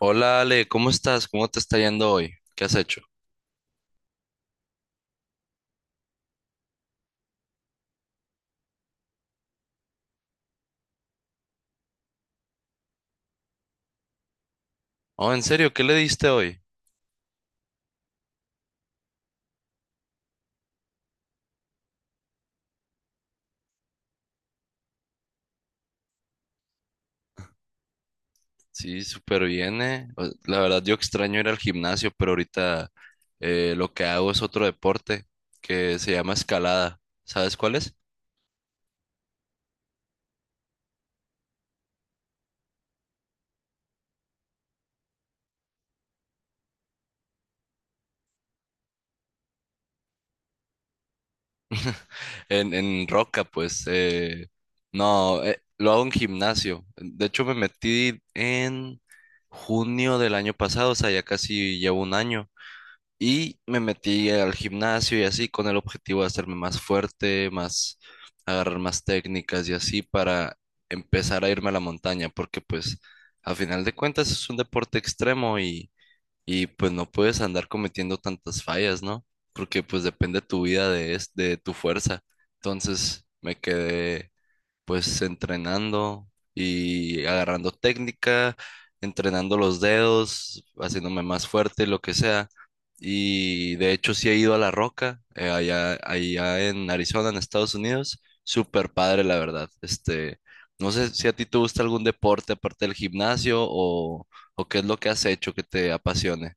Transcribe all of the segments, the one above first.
Hola Ale, ¿cómo estás? ¿Cómo te está yendo hoy? ¿Qué has hecho? Oh, ¿en serio? ¿Qué le diste hoy? Sí, súper bien, eh. O- La verdad, yo extraño ir al gimnasio, pero ahorita lo que hago es otro deporte que se llama escalada. ¿Sabes cuál es? En roca, pues. No, Lo hago en gimnasio. De hecho, me metí en junio del año pasado, o sea, ya casi llevo un año. Y me metí al gimnasio y así con el objetivo de hacerme más fuerte, más agarrar más técnicas y así para empezar a irme a la montaña, porque pues a final de cuentas es un deporte extremo y pues no puedes andar cometiendo tantas fallas, ¿no? Porque pues depende tu vida de, es- de tu fuerza. Entonces me quedé pues entrenando y agarrando técnica, entrenando los dedos, haciéndome más fuerte, lo que sea. Y de hecho sí he ido a La Roca, allá, en Arizona, en Estados Unidos. Súper padre, la verdad. Este, no sé si a ti te gusta algún deporte aparte del gimnasio o qué es lo que has hecho que te apasione.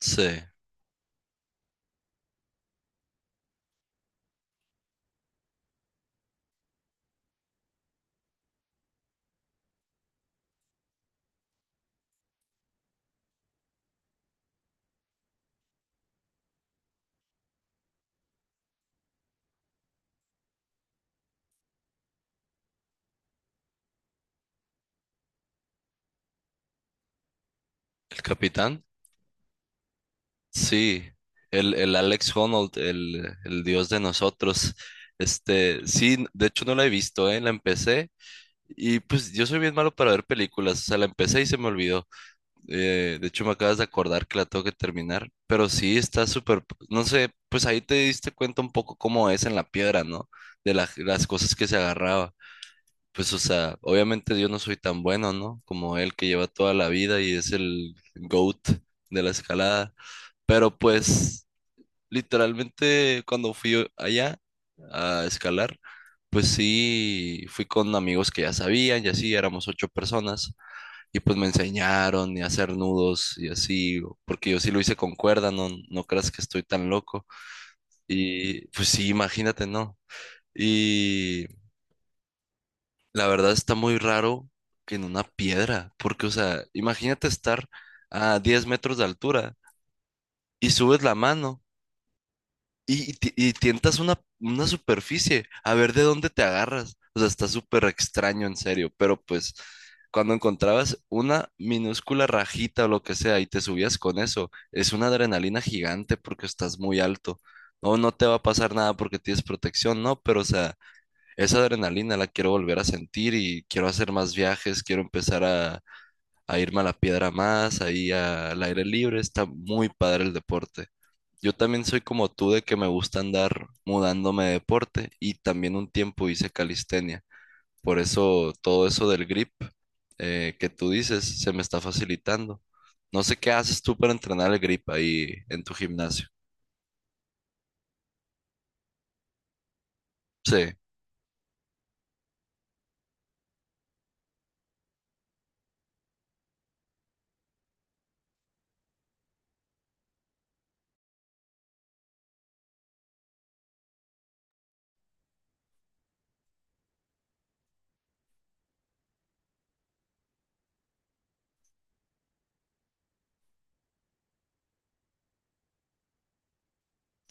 Sí, el capitán. Sí, el Alex Honnold, el dios de nosotros. Este, sí, de hecho no la he visto, ¿eh? La empecé y pues yo soy bien malo para ver películas, o sea, la empecé y se me olvidó. De hecho me acabas de acordar que la tengo que terminar, pero sí, está súper, no sé, pues ahí te diste cuenta un poco cómo es en la piedra, ¿no? De la- las cosas que se agarraba. Pues, o sea, obviamente yo no soy tan bueno, ¿no? Como él que lleva toda la vida y es el GOAT de la escalada. Pero pues literalmente cuando fui allá a escalar, pues sí, fui con amigos que ya sabían y así, éramos ocho personas y pues me enseñaron y a hacer nudos y así, porque yo sí lo hice con cuerda, no, no creas que estoy tan loco. Y pues sí, imagínate, ¿no? Y la verdad está muy raro que en una piedra, porque o sea, imagínate estar a 10 metros de altura y subes la mano. Y ti- y tientas una superficie, a ver de dónde te agarras. O sea, está súper extraño, en serio. Pero pues, cuando encontrabas una minúscula rajita o lo que sea y te subías con eso, es una adrenalina gigante porque estás muy alto. No, no te va a pasar nada porque tienes protección, no, pero o sea, esa adrenalina la quiero volver a sentir y quiero hacer más viajes, quiero empezar a irme a la piedra más, ahí a- al aire libre. Está muy padre el deporte. Yo también soy como tú de que me gusta andar mudándome de deporte y también un tiempo hice calistenia. Por eso todo eso del grip que tú dices se me está facilitando. No sé qué haces tú para entrenar el grip ahí en tu gimnasio. Sí,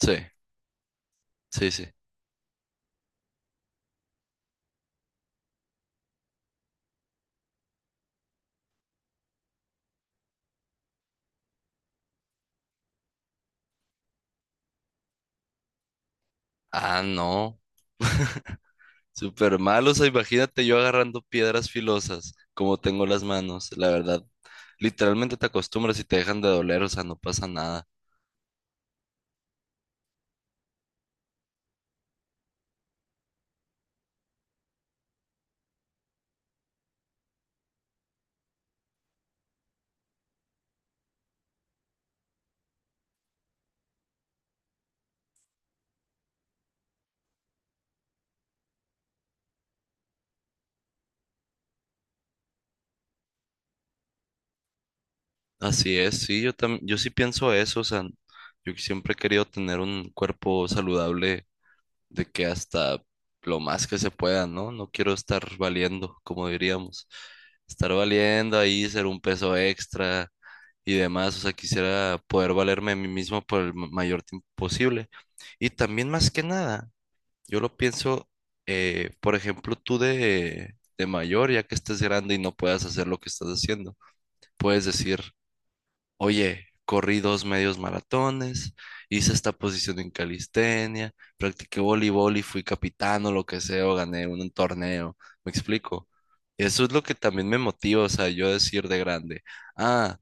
sí, sí, sí. Ah, no. Súper malo, o sea, imagínate yo agarrando piedras filosas, como tengo las manos, la verdad. Literalmente te acostumbras y te dejan de doler, o sea, no pasa nada. Así es, sí, yo sí pienso eso, o sea, yo que siempre he querido tener un cuerpo saludable de que hasta lo más que se pueda, ¿no? No quiero estar valiendo, como diríamos, estar valiendo ahí, ser un peso extra y demás, o sea, quisiera poder valerme a mí mismo por el ma- mayor tiempo posible. Y también más que nada, yo lo pienso, por ejemplo, tú de mayor, ya que estés grande y no puedas hacer lo que estás haciendo, puedes decir: oye, corrí dos medios maratones, hice esta posición en calistenia, practiqué voleibol y fui capitán o lo que sea, o gané un torneo. ¿Me explico? Eso es lo que también me motiva, o sea, yo decir de grande, ah,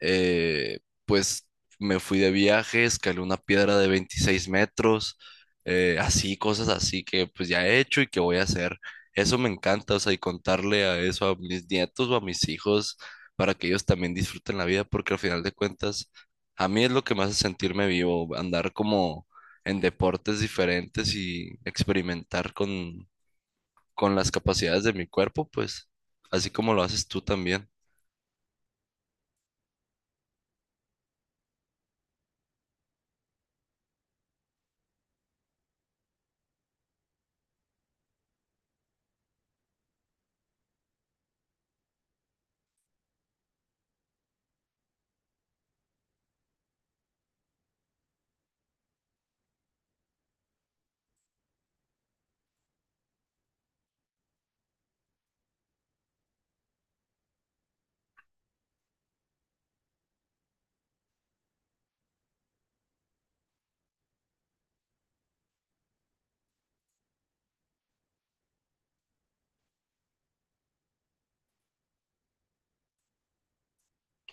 pues me fui de viaje, escalé una piedra de 26 metros, así, cosas así que pues ya he hecho y que voy a hacer. Eso me encanta, o sea, y contarle a eso a mis nietos o a mis hijos para que ellos también disfruten la vida, porque al final de cuentas, a mí es lo que me hace sentirme vivo, andar como en deportes diferentes y experimentar con las capacidades de mi cuerpo, pues, así como lo haces tú también.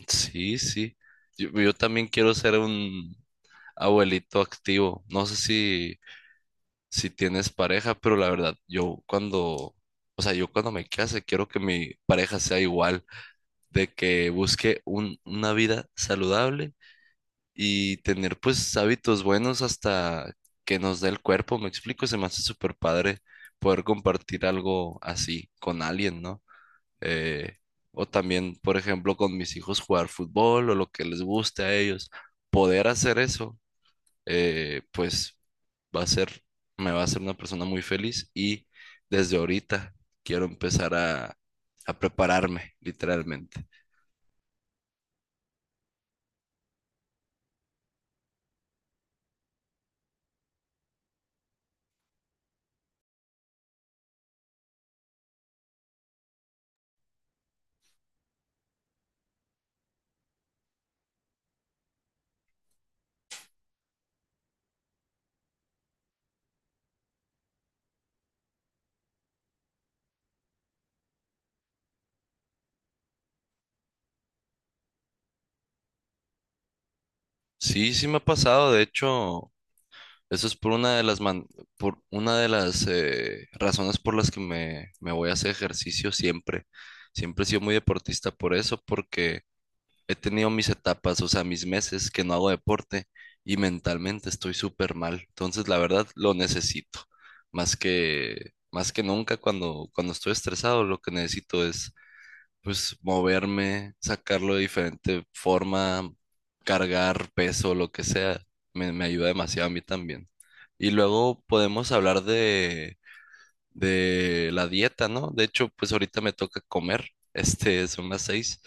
Sí, sí. Yo también quiero ser un abuelito activo. No sé si, si tienes pareja, pero la verdad, o sea, yo cuando me case, quiero que mi pareja sea igual, de que busque una vida saludable y tener pues hábitos buenos hasta que nos dé el cuerpo. Me explico, se me hace súper padre poder compartir algo así con alguien, ¿no? Eh, o también, por ejemplo, con mis hijos jugar fútbol o lo que les guste a ellos, poder hacer eso, pues va a ser, me va a hacer una persona muy feliz y desde ahorita quiero empezar a prepararme, literalmente. Sí, sí me ha pasado, de hecho, eso es por una de las, man- por una de las razones por las que me voy a hacer ejercicio siempre. Siempre he sido muy deportista por eso, porque he tenido mis etapas, o sea, mis meses que no hago deporte y mentalmente estoy súper mal. Entonces, la verdad, lo necesito. Más que nunca cuando estoy estresado, lo que necesito es, pues, moverme, sacarlo de diferente forma, cargar peso, lo que sea. Me ayuda demasiado a mí también. Y luego podemos hablar de la dieta, ¿no? De hecho, pues ahorita me toca comer. Este, son las seis.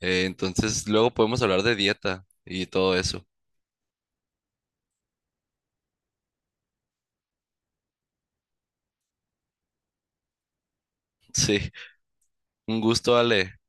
Entonces, luego podemos hablar de dieta y todo eso. Sí, un gusto, Ale.